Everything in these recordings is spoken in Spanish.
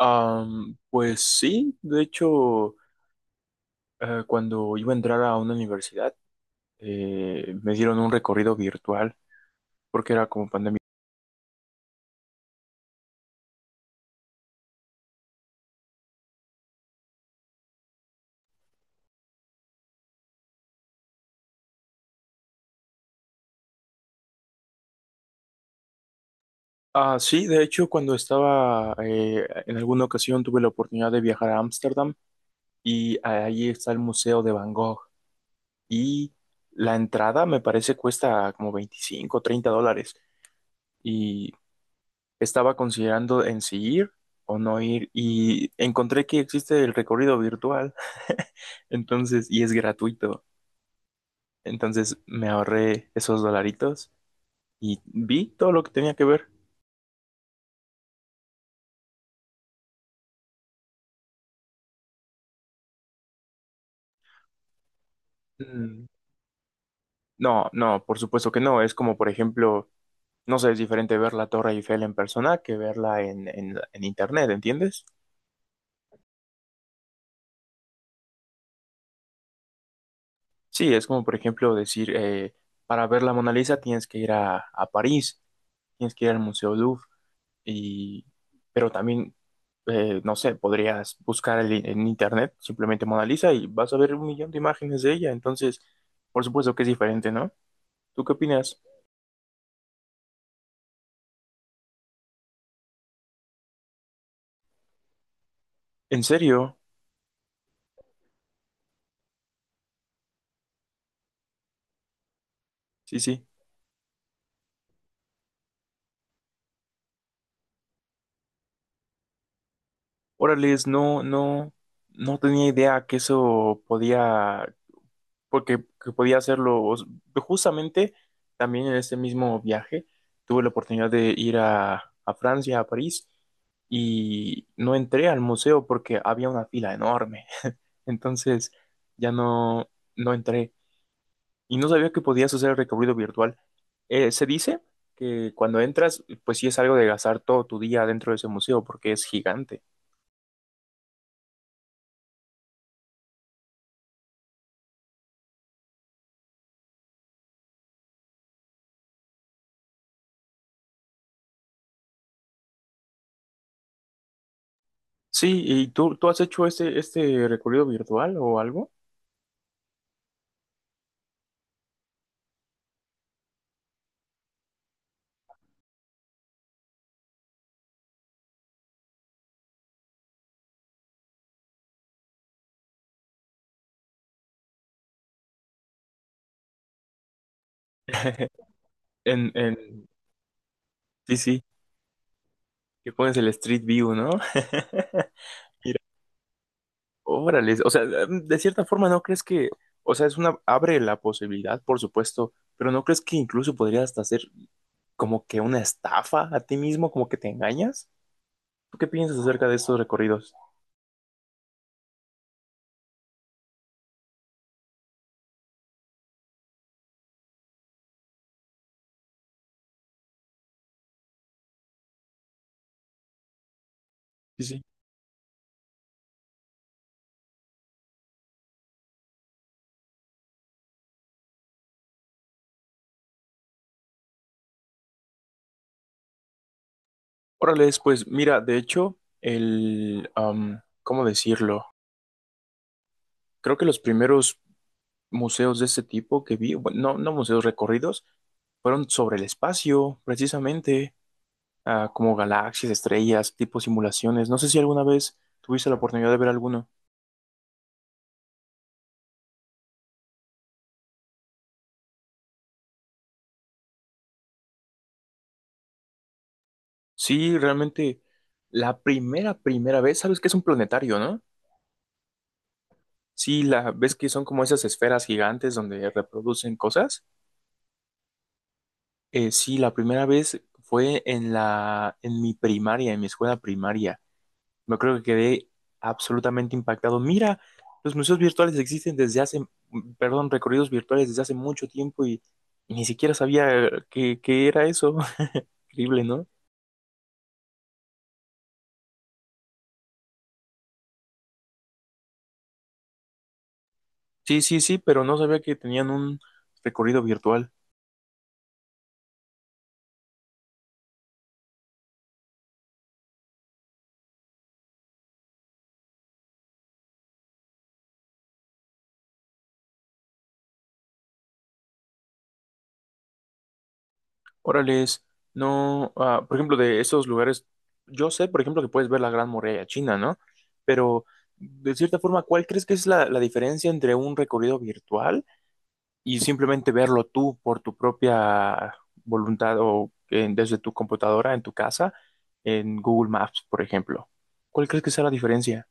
Pues sí, de hecho, cuando iba a entrar a una universidad, me dieron un recorrido virtual porque era como pandemia. Ah, sí, de hecho, cuando estaba en alguna ocasión tuve la oportunidad de viajar a Ámsterdam y ahí está el Museo de Van Gogh y la entrada me parece cuesta como 25 o $30 y estaba considerando en si ir o no ir y encontré que existe el recorrido virtual, entonces, y es gratuito. Entonces me ahorré esos dolaritos y vi todo lo que tenía que ver. Mm, no, no, por supuesto que no. Es como, por ejemplo, no sé, es diferente ver la Torre Eiffel en persona que verla en internet, ¿entiendes? Sí, es como, por ejemplo, decir, para ver la Mona Lisa tienes que ir a París, tienes que ir al Museo Louvre, y, pero también, no sé, podrías buscar en internet simplemente Mona Lisa y vas a ver un millón de imágenes de ella. Entonces, por supuesto que es diferente, ¿no? ¿Tú qué opinas? ¿En serio? Sí, sí. Órales, no, no, no tenía idea que eso podía, porque que podía hacerlo. Justamente también en este mismo viaje tuve la oportunidad de ir a Francia, a París, y no entré al museo porque había una fila enorme. Entonces ya no, no entré. Y no sabía que podías hacer recorrido virtual. Se dice que cuando entras, pues sí es algo de gastar todo tu día dentro de ese museo porque es gigante. Sí, ¿y tú has hecho este recorrido virtual o algo? En, en, sí, sí, que pones el Street View, ¿no? Órale, o sea, de cierta forma, ¿no crees que, o sea, es una, abre la posibilidad, por supuesto, pero ¿no crees que incluso podrías hasta hacer como que una estafa a ti mismo, como que te engañas? ¿Tú qué piensas acerca de estos recorridos? Sí, sí. Órale, pues mira, de hecho, el, ¿cómo decirlo? Creo que los primeros museos de este tipo que vi, bueno, no, no museos recorridos, fueron sobre el espacio, precisamente, ah, como galaxias, estrellas, tipo simulaciones. No sé si alguna vez tuviste la oportunidad de ver alguno. Sí, realmente, la primera vez, sabes que es un planetario, ¿no? Sí, la ves que son como esas esferas gigantes donde reproducen cosas. Sí, la primera vez fue en en mi primaria, en mi escuela primaria. Me acuerdo que quedé absolutamente impactado. Mira, los museos virtuales existen desde hace, perdón, recorridos virtuales desde hace mucho tiempo y ni siquiera sabía qué era eso. Increíble, ¿no? Sí, sí, sí, pero no sabía que tenían un recorrido virtual. Órales, no, ah, por ejemplo, de esos lugares, yo sé, por ejemplo, que puedes ver la Gran Muralla China, ¿no? Pero, de cierta forma, ¿cuál crees que es la diferencia entre un recorrido virtual y simplemente verlo tú por tu propia voluntad o desde tu computadora, en tu casa, en Google Maps, por ejemplo? ¿Cuál crees que sea la diferencia?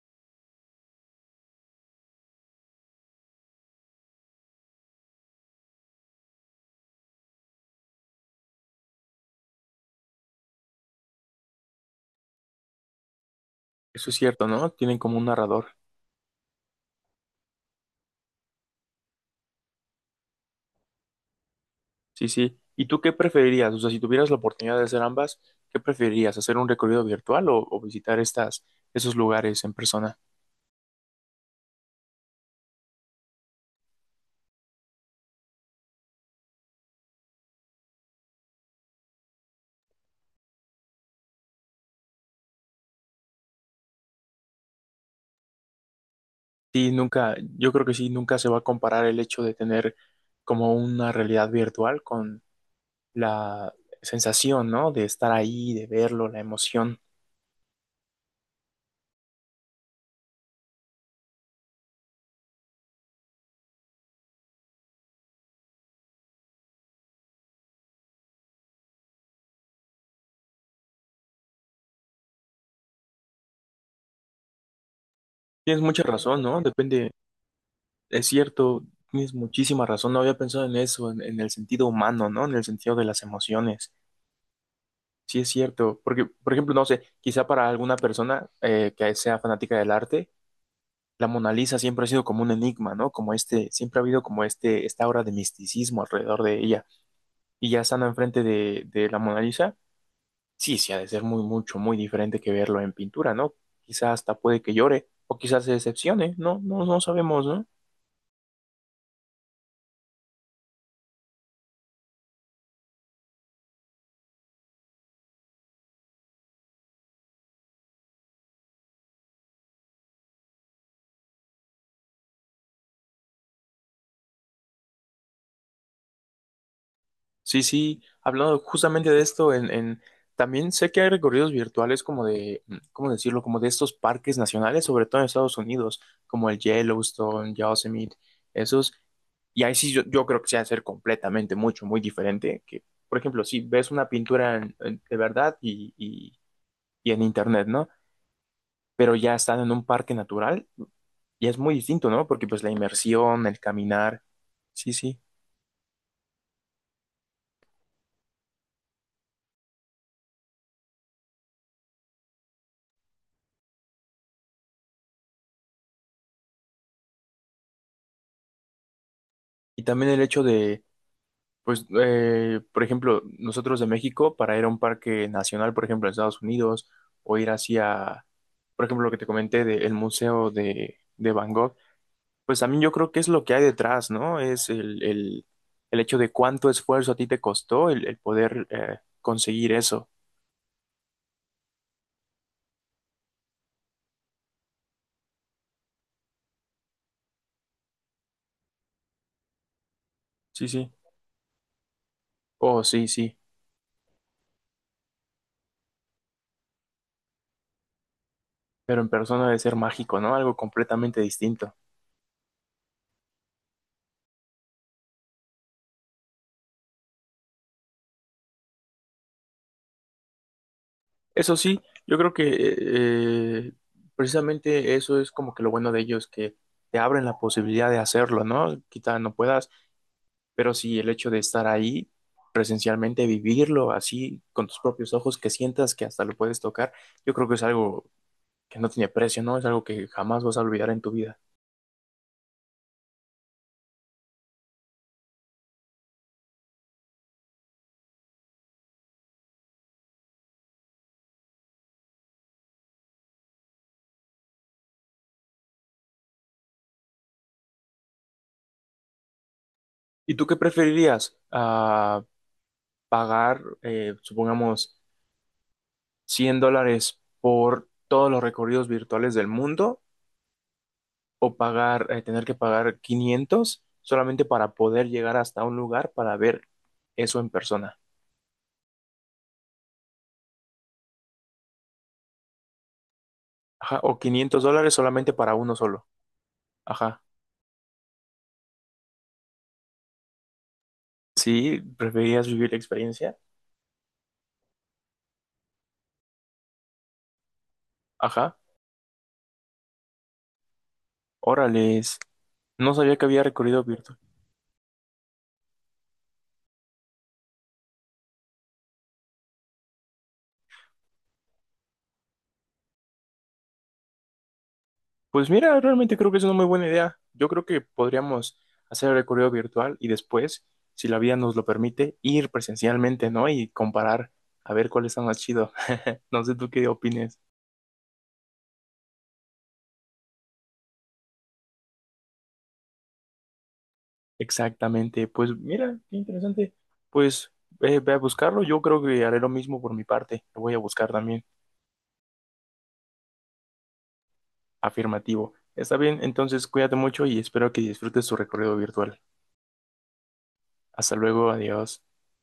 Eso es cierto, ¿no? Tienen como un narrador. Sí, sí. ¿Y tú qué preferirías? O sea, si tuvieras la oportunidad de hacer ambas, ¿qué preferirías? ¿Hacer un recorrido virtual o visitar estas, esos lugares en persona? Sí, nunca, yo creo que sí, nunca se va a comparar el hecho de tener como una realidad virtual con la sensación, ¿no? De estar ahí, de verlo, la emoción. Tienes mucha razón, ¿no? Depende, es cierto, tienes muchísima razón. No había pensado en eso, en el sentido humano, ¿no? En el sentido de las emociones. Sí, es cierto, porque, por ejemplo, no sé, quizá para alguna persona que sea fanática del arte, la Mona Lisa siempre ha sido como un enigma, ¿no? Como este, siempre ha habido como este, esta aura de misticismo alrededor de ella. Y ya estando enfrente de la Mona Lisa, sí, sí ha de ser muy, mucho, muy diferente que verlo en pintura, ¿no? Quizá hasta puede que llore, o quizás se decepcione, no, no, no sabemos, ¿no? Sí, sí, hablando justamente de esto, también sé que hay recorridos virtuales como de, ¿cómo decirlo? Como de estos parques nacionales, sobre todo en Estados Unidos, como el Yellowstone, Yosemite, esos. Y ahí sí yo creo que se va a hacer completamente mucho, muy diferente. Que, por ejemplo, si ves una pintura de verdad y en internet, ¿no? Pero ya están en un parque natural y es muy distinto, ¿no? Porque pues la inmersión, el caminar, sí, sí. Y también el hecho pues, por ejemplo, nosotros de México, para ir a un parque nacional, por ejemplo, en Estados Unidos, o ir hacia, por ejemplo, lo que te comenté del Museo de Van Gogh, pues también yo creo que es lo que hay detrás, ¿no? Es el hecho de cuánto esfuerzo a ti te costó el poder conseguir eso. Sí, sí. Oh, sí, sí. Pero en persona debe ser mágico, ¿no? Algo completamente distinto. Eso sí, yo creo que eh, precisamente eso es como que lo bueno de ellos, que te abren la posibilidad de hacerlo, ¿no? Quizá no puedas, pero sí el hecho de estar ahí presencialmente, vivirlo así con tus propios ojos, que sientas que hasta lo puedes tocar, yo creo que es algo que no tiene precio, ¿no? Es algo que jamás vas a olvidar en tu vida. ¿Y tú qué preferirías? Ah, pagar, supongamos, $100 por todos los recorridos virtuales del mundo o pagar, tener que pagar 500 solamente para poder llegar hasta un lugar para ver eso en persona. Ajá, o $500 solamente para uno solo. Ajá. Sí, ¿preferías vivir la experiencia? Ajá. Órales. No sabía que había recorrido virtual. Pues mira, realmente creo que es una muy buena idea. Yo creo que podríamos hacer el recorrido virtual y después, si la vida nos lo permite, ir presencialmente, ¿no? Y comparar a ver cuál está más chido. No sé tú qué opines. Exactamente, pues mira, qué interesante. Pues ve a buscarlo, yo creo que haré lo mismo por mi parte, lo voy a buscar también. Afirmativo. Está bien, entonces cuídate mucho y espero que disfrutes tu recorrido virtual. Hasta luego, adiós.